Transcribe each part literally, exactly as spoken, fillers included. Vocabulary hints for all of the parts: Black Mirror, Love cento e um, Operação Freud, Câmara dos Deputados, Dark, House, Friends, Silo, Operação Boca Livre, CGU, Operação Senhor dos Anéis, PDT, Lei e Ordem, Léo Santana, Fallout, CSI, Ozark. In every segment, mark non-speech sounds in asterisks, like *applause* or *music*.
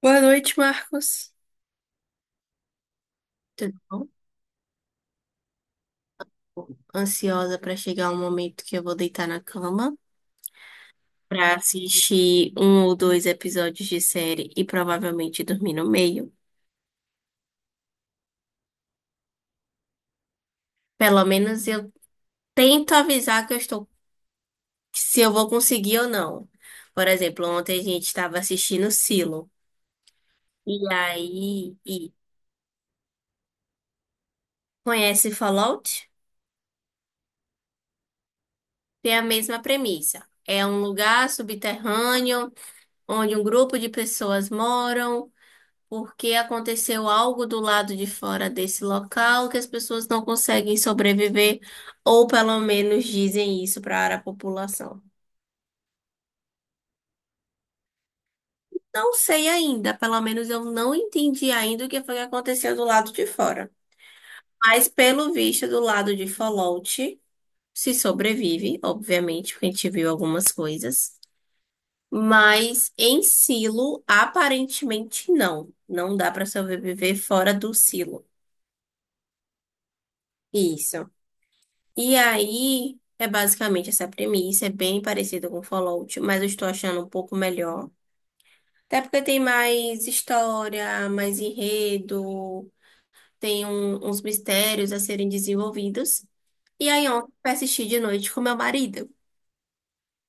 Boa noite, Marcos. Tudo bom? Ansiosa para chegar um momento que eu vou deitar na cama para assistir um ou dois episódios de série e provavelmente dormir no meio. Pelo menos eu tento avisar que eu estou, se eu vou conseguir ou não. Por exemplo, ontem a gente estava assistindo Silo e aí e conhece Fallout? Tem a mesma premissa. É um lugar subterrâneo onde um grupo de pessoas moram, porque aconteceu algo do lado de fora desse local que as pessoas não conseguem sobreviver, ou pelo menos dizem isso para a população. Não sei ainda, pelo menos eu não entendi ainda o que foi que aconteceu do lado de fora. Mas pelo visto, do lado de Fallout, se sobrevive, obviamente, porque a gente viu algumas coisas. Mas em Silo, aparentemente não. Não dá para sobreviver fora do Silo. Isso. E aí é basicamente essa premissa, é bem parecida com Fallout, mas eu estou achando um pouco melhor. Até porque tem mais história, mais enredo, tem um- uns mistérios a serem desenvolvidos. E aí ontem eu assisti de noite com meu marido.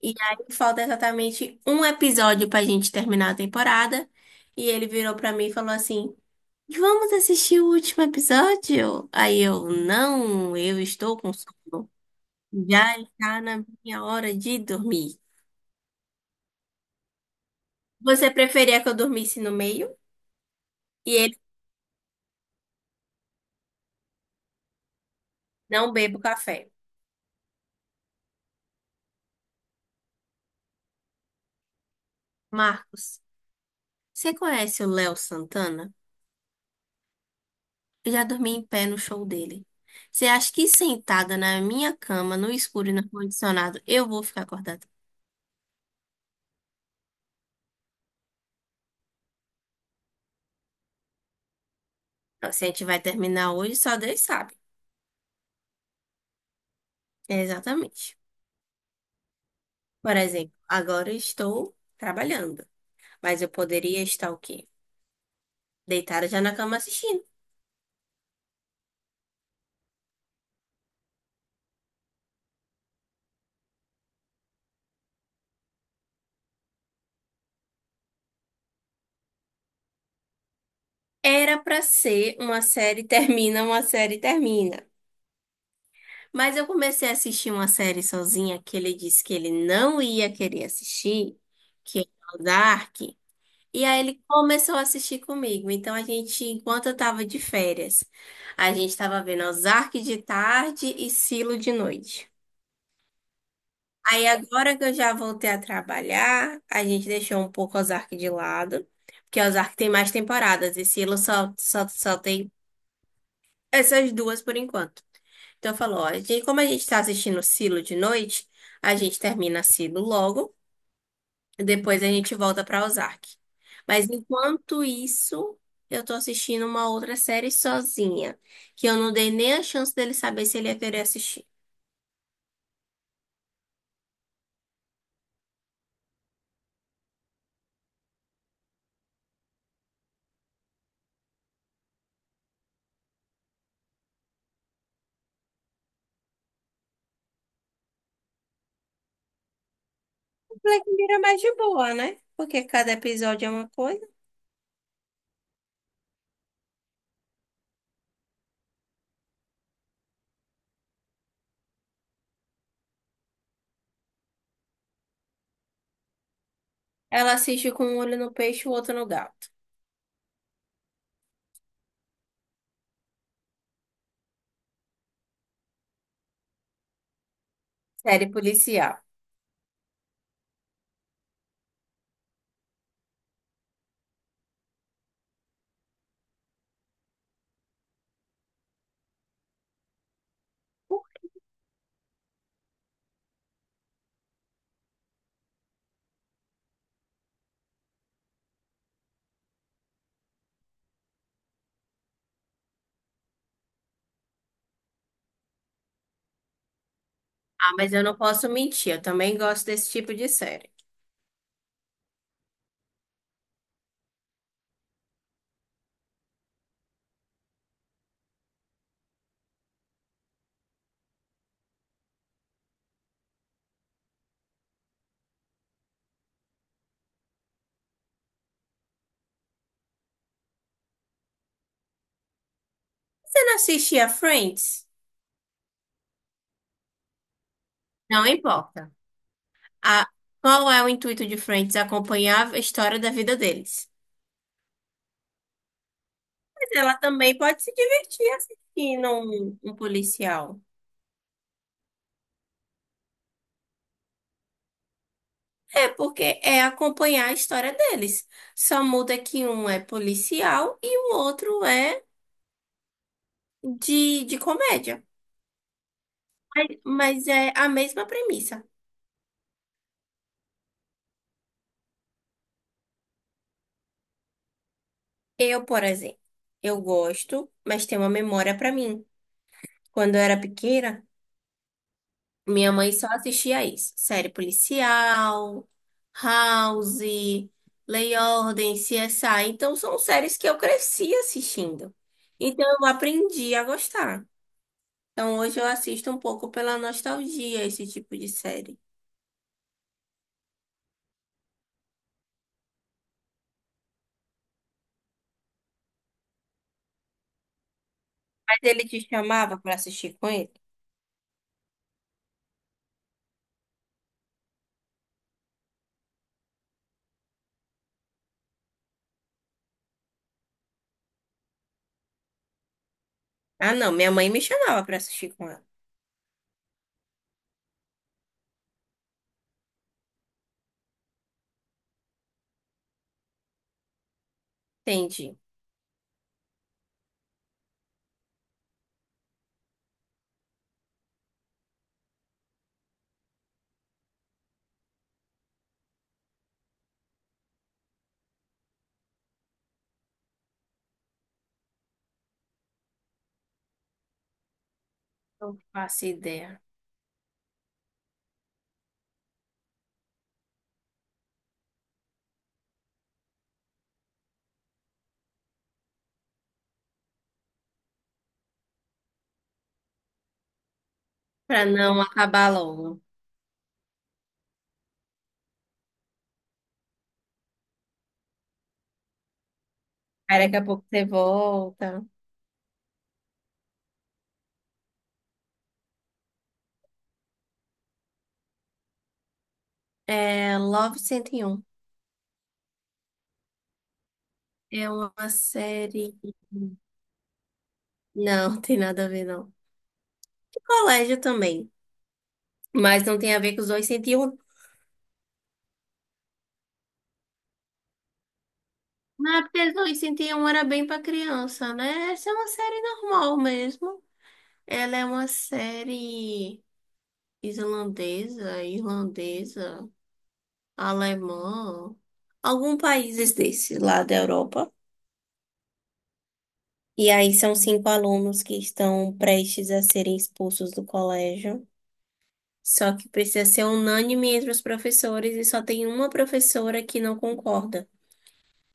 E aí falta exatamente um episódio pra gente terminar a temporada. E ele virou pra mim e falou assim: Vamos assistir o último episódio? Aí eu, não, eu estou com sono. Já está na minha hora de dormir. Você preferia que eu dormisse no meio? E ele não bebo café. Marcos, você conhece o Léo Santana? Eu já dormi em pé no show dele. Você acha que sentada na minha cama, no escuro e no ar-condicionado, eu vou ficar acordada? Não, se a gente vai terminar hoje, só Deus sabe. É, exatamente. Por exemplo, agora eu estou trabalhando, mas eu poderia estar o quê? Deitada já na cama assistindo. Era pra ser uma série *laughs* termina, uma série termina. Mas eu comecei a assistir uma série sozinha que ele disse que ele não ia querer assistir, que é o Dark. E aí ele começou a assistir comigo. Então a gente, enquanto eu tava de férias, a gente tava vendo Ozark de tarde e Silo de noite. Aí agora que eu já voltei a trabalhar, a gente deixou um pouco Ozark de lado, porque Ozark tem mais temporadas e Silo só, só, só tem essas duas por enquanto. Então falou, ó, a gente- como a gente tá assistindo Silo de noite, a gente termina Silo logo, e depois a gente volta pra Ozark. Mas enquanto isso, eu tô assistindo uma outra série sozinha, que eu não dei nem a chance dele saber se ele ia querer assistir. Black Mirror é mais de boa, né? Porque cada episódio é uma coisa. Ela assiste com um olho no peixe e o outro no gato. Série policial. Ah, mas eu não posso mentir, eu também gosto desse tipo de série. Você não assistia Friends? Não importa. A, qual é o intuito de Friends? Acompanhar a história da vida deles. Mas ela também pode se divertir assistindo um, um policial. É, porque é acompanhar a história deles. Só muda que um é policial e o outro é de, de comédia. Mas, mas é a mesma premissa. Eu, por exemplo, eu gosto, mas tem uma memória pra mim. Quando eu era pequena, minha mãe só assistia isso. Série policial, House, Lei e Ordem, C S I. Então, são séries que eu cresci assistindo. Então, eu aprendi a gostar. Então, hoje eu assisto um pouco pela nostalgia esse tipo de série. Mas ele te chamava pra assistir com ele? Ah, não. Minha mãe me chamava pra assistir com ela. Entendi. Não faço ideia. Pra não acabar logo. Aí daqui a pouco você volta. É Love cento e um. É uma série. Não, *laughs* tem nada a ver, não. De colégio também. Mas não tem a ver com os cento e um. Não, é porque os duzentos e um era bem pra criança, né? Essa é uma série normal mesmo. Ela é uma série islandesa, irlandesa, alemã, algum países desses lá da Europa. E aí são cinco alunos que estão prestes a serem expulsos do colégio. Só que precisa ser unânime entre os professores e só tem uma professora que não concorda.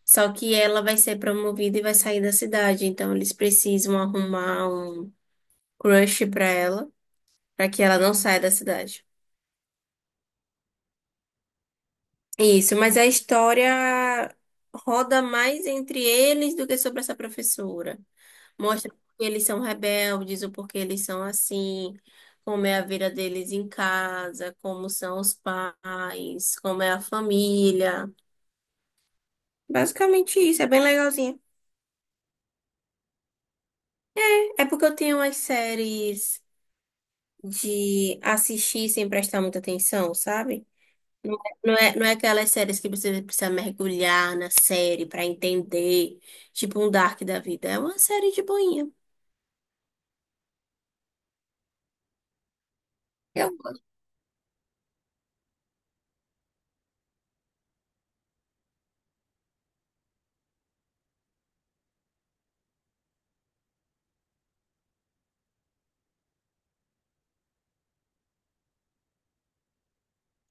Só que ela vai ser promovida e vai sair da cidade, então eles precisam arrumar um crush pra ela, pra que ela não saia da cidade. Isso, mas a história roda mais entre eles do que sobre essa professora. Mostra porque eles são rebeldes, o porquê eles são assim, como é a vida deles em casa, como são os pais, como é a família. Basicamente isso, é bem legalzinho. É porque eu tenho umas séries de assistir sem prestar muita atenção, sabe? Não é, não é, não é aquelas séries que você precisa mergulhar na série pra entender, tipo um Dark da vida. É uma série de boinha. Eu-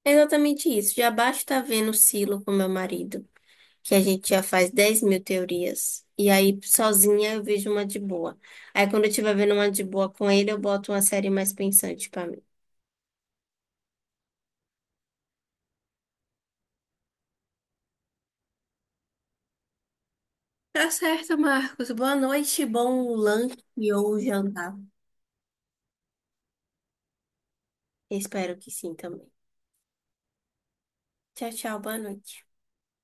é exatamente isso. Já basta estar vendo Silo com meu marido, que a gente já faz dez mil teorias. E aí, sozinha, eu vejo uma de boa. Aí, quando eu estiver vendo uma de boa com ele, eu boto uma série mais pensante pra mim. Tá certo, Marcos. Boa noite, bom lanche ou jantar. Espero que sim também. Tchau, tchau, boa noite.